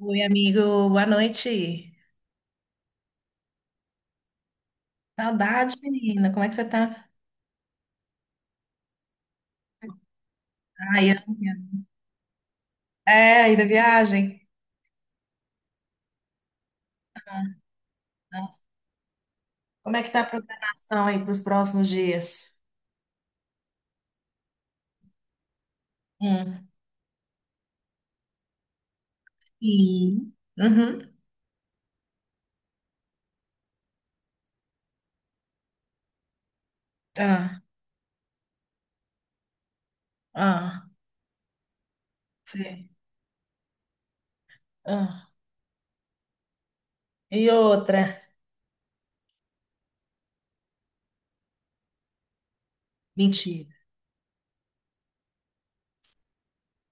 Oi, amigo, boa noite. Saudade, menina. Como é que você tá? Ai, amiga. É, aí da viagem? Nossa. Como é que tá a programação aí para os próximos dias? Hum. Sim. Uhum. Ah, ah, sei. Ah. E outra. Mentira.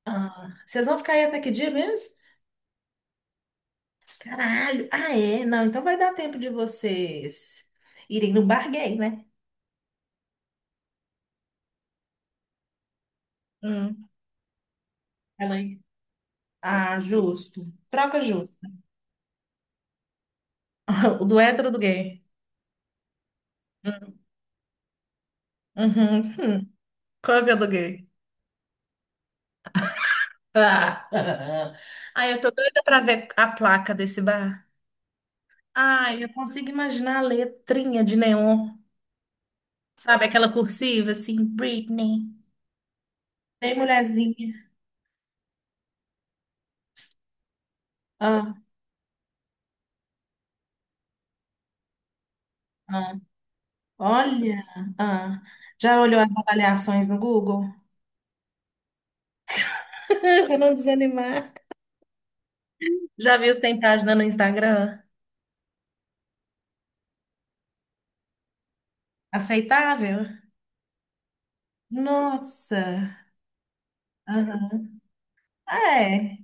Ah. Vocês vão ficar aí até que dia mesmo? Caralho. Ah, é? Não, então vai dar tempo de vocês irem no bar gay, né? Hum. Ela aí. Ah, justo. Troca justa. O do hétero ou do gay? Hum, Uhum, hum. Qual que eu aluguei? Ah, ai, eu tô doida pra ver a placa desse bar. Ai, eu consigo imaginar a letrinha de neon. Sabe aquela cursiva assim, Britney, bem mulherzinha. Ah, ah, olha, ah. Já olhou as avaliações no Google? Pra não desanimar. Já viu se tem página no Instagram? Aceitável? Nossa. Aham. É,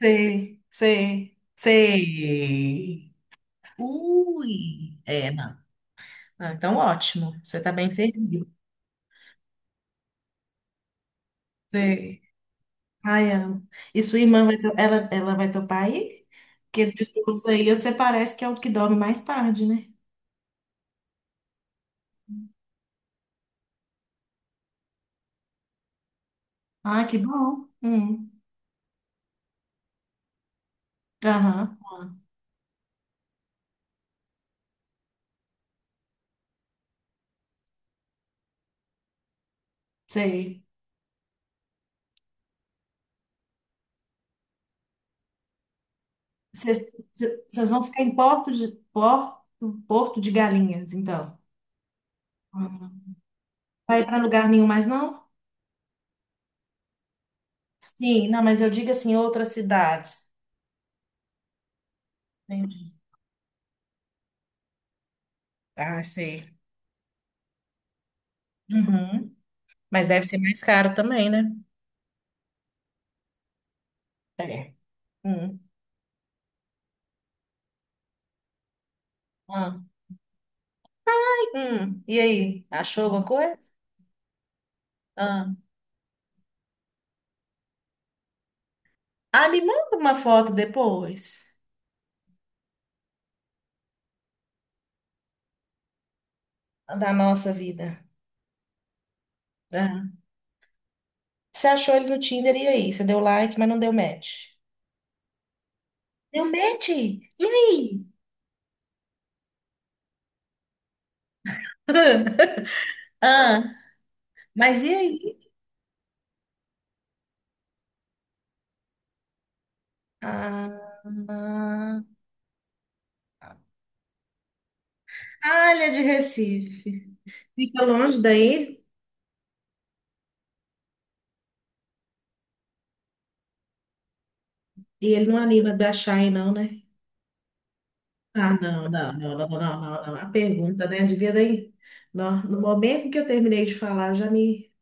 sei, sei, sei. Ui, é, não. Ah, então, ótimo. Você está bem servido. Sei. Ai, amo. E sua irmã vai, ela vai topar aí? Porque de todos aí, você parece que é o que dorme mais tarde, né? Ah, que bom. Hum. Aham, ah, sei. Vocês vocês vão ficar em Porto de Galinhas, então. Uhum. Vai para lugar nenhum mais, não? Sim, não, mas eu digo assim, outras cidades. Entendi. Ah, sei. Uhum. Mas deve ser mais caro também, né? É. Hum. Ah. Hum. E aí? Achou alguma coisa? Ah. Ah, me manda uma foto depois da nossa vida. Ah. Você achou ele no Tinder e aí? Você deu like, mas não deu match. Deu match? E aí? Ah. Mas e aí? Ah. Ah, Ah, ele é de Recife. Fica longe daí e ele não anima de achar aí, não, né? Ah, não, não, não, não, não, não, não. A pergunta, né? Devia daí. No momento que eu terminei de falar, já me.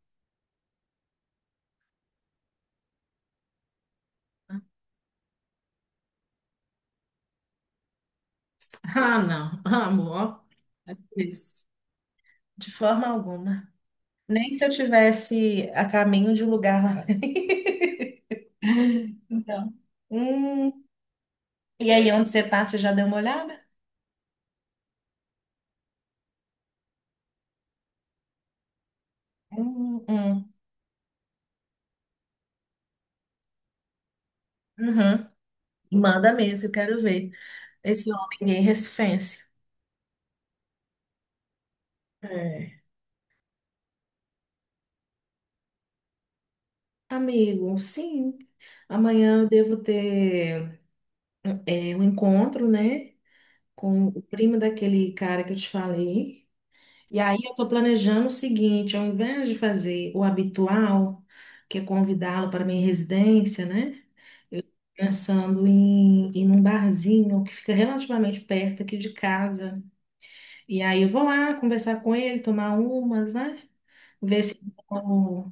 Ah, não, amor, isso, de forma alguma. Nem se eu tivesse a caminho de um lugar lá. Então, hum, e aí, onde você tá, você já deu uma olhada? Hum, hum, uhum. Manda mesmo, eu quero ver esse homem gay recifense. É. Amigo, sim. Amanhã eu devo ter um encontro, né? Com o primo daquele cara que eu te falei. E aí eu estou planejando o seguinte, ao invés de fazer o habitual, que é convidá-lo para minha residência, né? Pensando em ir num barzinho que fica relativamente perto aqui de casa. E aí eu vou lá conversar com ele, tomar umas, né? Ver se. eu-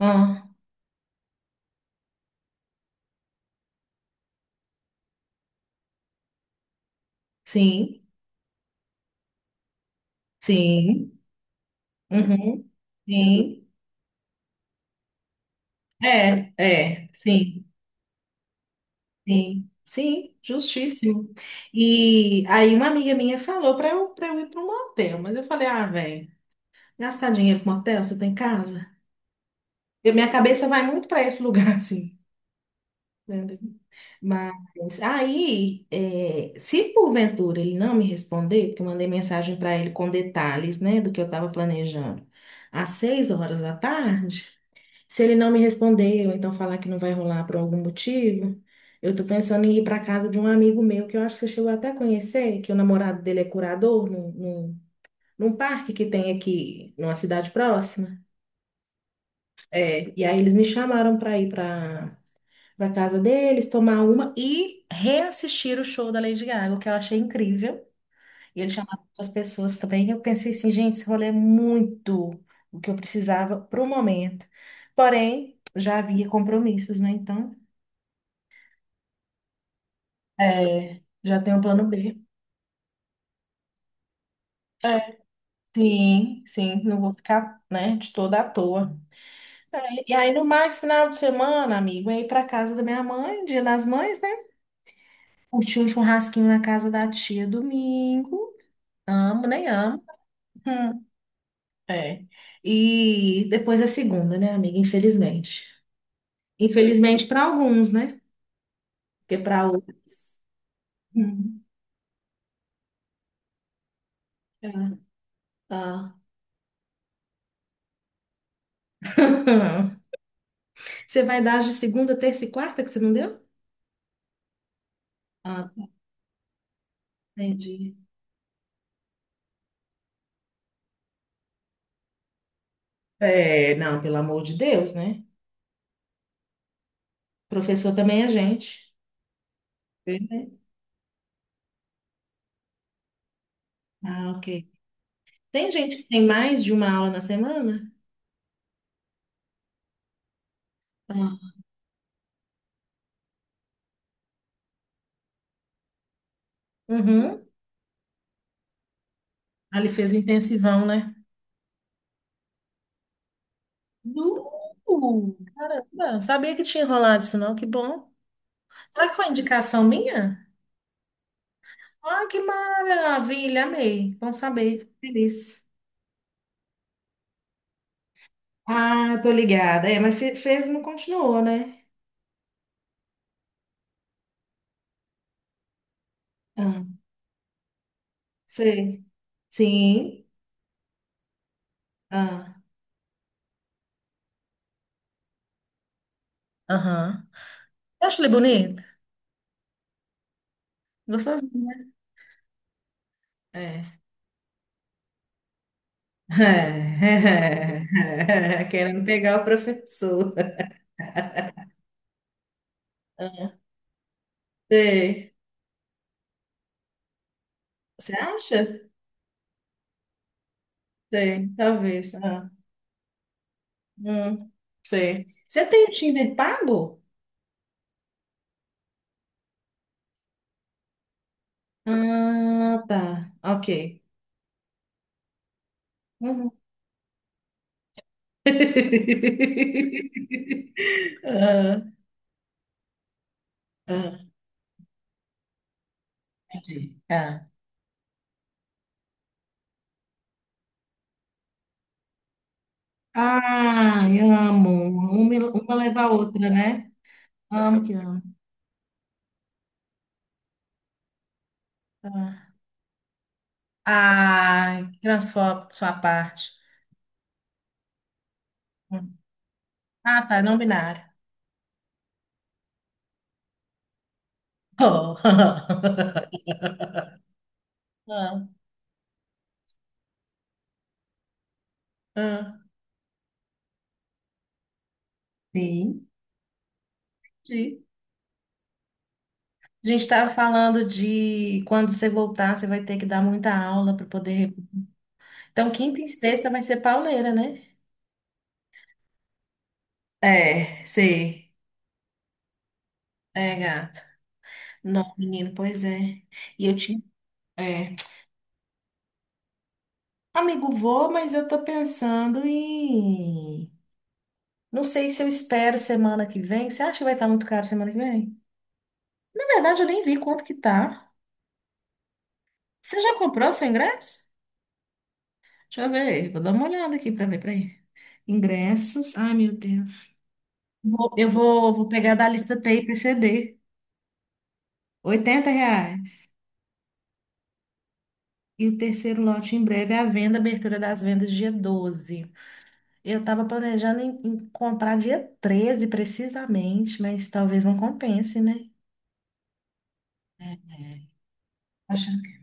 Ah, sim, sim, uhum, sim. É, é, sim, sim. Sim, justíssimo. E aí uma amiga minha falou para eu ir para um motel, mas eu falei, ah, velho, gastar dinheiro com hotel, você tem casa? E minha cabeça vai muito para esse lugar, assim. Né? Mas aí, se porventura ele não me responder, porque eu mandei mensagem para ele com detalhes, né, do que eu estava planejando, às 6 horas da tarde, se ele não me responder ou então falar que não vai rolar por algum motivo, eu tô pensando em ir para casa de um amigo meu que eu acho que você chegou até a conhecer, que o namorado dele é curador num parque que tem aqui, numa cidade próxima. É, e aí eles me chamaram para ir para casa deles, tomar uma e reassistir o show da Lady Gaga, o que eu achei incrível. E eles chamaram outras pessoas também. E eu pensei assim, gente, esse rolê é muito o que eu precisava pro momento. Porém, já havia compromissos, né? Então, já tem um plano B. É, sim, sim, não vou ficar, né, de toda à toa. E aí, no mais, final de semana, amigo, eu ia ir casa da minha mãe, dia das mães, né? Curti um churrasquinho na casa da tia domingo. Amo, nem amo. Hum, é. E depois é segunda, né, amiga? Infelizmente. Infelizmente para alguns, né? Porque para outros. Hum, é, tá. Você vai dar as de segunda, terça e quarta que você não deu? Ah, entendi. É, não, pelo amor de Deus, né? Professor também é gente. Perfeito. Ah, ok. Tem gente que tem mais de uma aula na semana? Ah, uhum. Ali fez um intensivão, né? Nu! Caramba, sabia que tinha rolado isso não, que bom. Será que foi indicação minha? Ah, que maravilha, amei. Bom saber, fico feliz. Ah, tô ligada. É, mas fez e não continuou, né? Ah, sei. Sim. Ah, aham. Eu acho ele bonito? Gostosinho, né? É. Querendo pegar o professor. Sei. Você acha? Sei, talvez. Hum, sei. Você tem o Tinder pago? Ah, tá. Ok. Uhum. Ah, ah, entendi. Ah. Ai, amo. Uma leva a outra, né? Amo que amo. Ah. Ai, transfobo de sua parte. Hum. Ah, tá, não binário. Oh. Ah, ah. Sim, sim. A gente estava falando de quando você voltar, você vai ter que dar muita aula para poder. Então, quinta e sexta vai ser pauleira, né? É, sei. É, gato. Não, menino, pois é. E eu tinha. É. Amigo, vou, mas eu tô pensando em. Não sei se eu espero semana que vem. Você acha que vai estar muito caro semana que vem? Na verdade, eu nem vi quanto que tá. Você já comprou seu ingresso? Deixa eu ver. Vou dar uma olhada aqui pra ver, peraí. Ingressos. Ai, meu Deus. Eu vou pegar da lista T TIPCD. 80 reais. E o terceiro lote em breve é a venda, abertura das vendas dia 12. Eu estava planejando em, comprar dia 13 precisamente, mas talvez não compense, né? É, é. Achando que-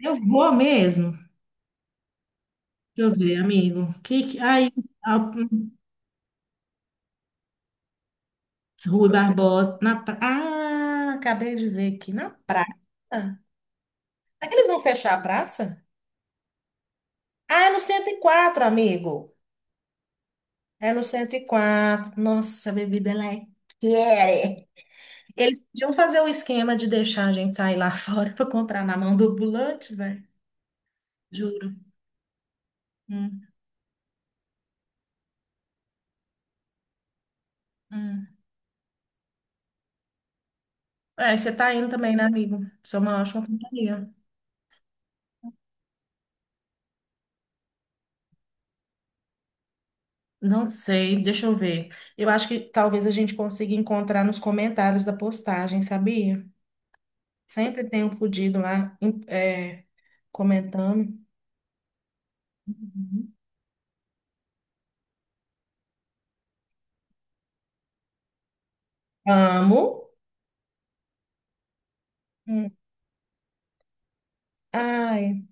Eu vou mesmo. Deixa eu ver, amigo. Aí, a- Rui Barbosa. Ah, acabei de ver aqui. Na praça? Será que eles vão fechar a praça? Ah, é no 104, amigo. É no cento e quatro. Nossa, a bebida ela é quente. Eles podiam fazer o esquema de deixar a gente sair lá fora para comprar na mão do ambulante, velho. Juro. Hum, hum. É, você tá indo também, né, amigo? Você é uma ótima companhia. Não sei, deixa eu ver. Eu acho que talvez a gente consiga encontrar nos comentários da postagem, sabia? Sempre tem um fudido lá, comentando. Uhum. Amo. Hum. Ai,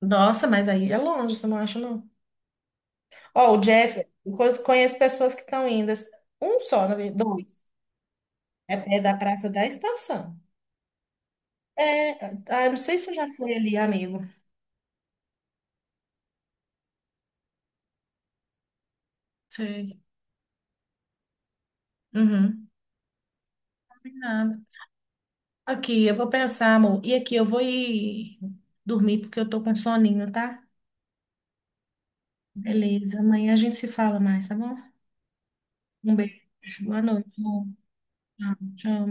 nossa, mas aí é longe, você não acha, não? Ó, o Jeff, eu conheço pessoas que estão indo. Assim, um só, na verdade, dois. É pé da Praça da Estação. É, ah, não sei se você já foi ali, amigo. Sei. Uhum. Nada. Aqui, eu vou pensar, amor. E aqui, eu vou ir dormir porque eu tô com soninho, tá? Beleza. Amanhã a gente se fala mais, tá bom? Um beijo. Boa noite, amor. Tchau. Tchau.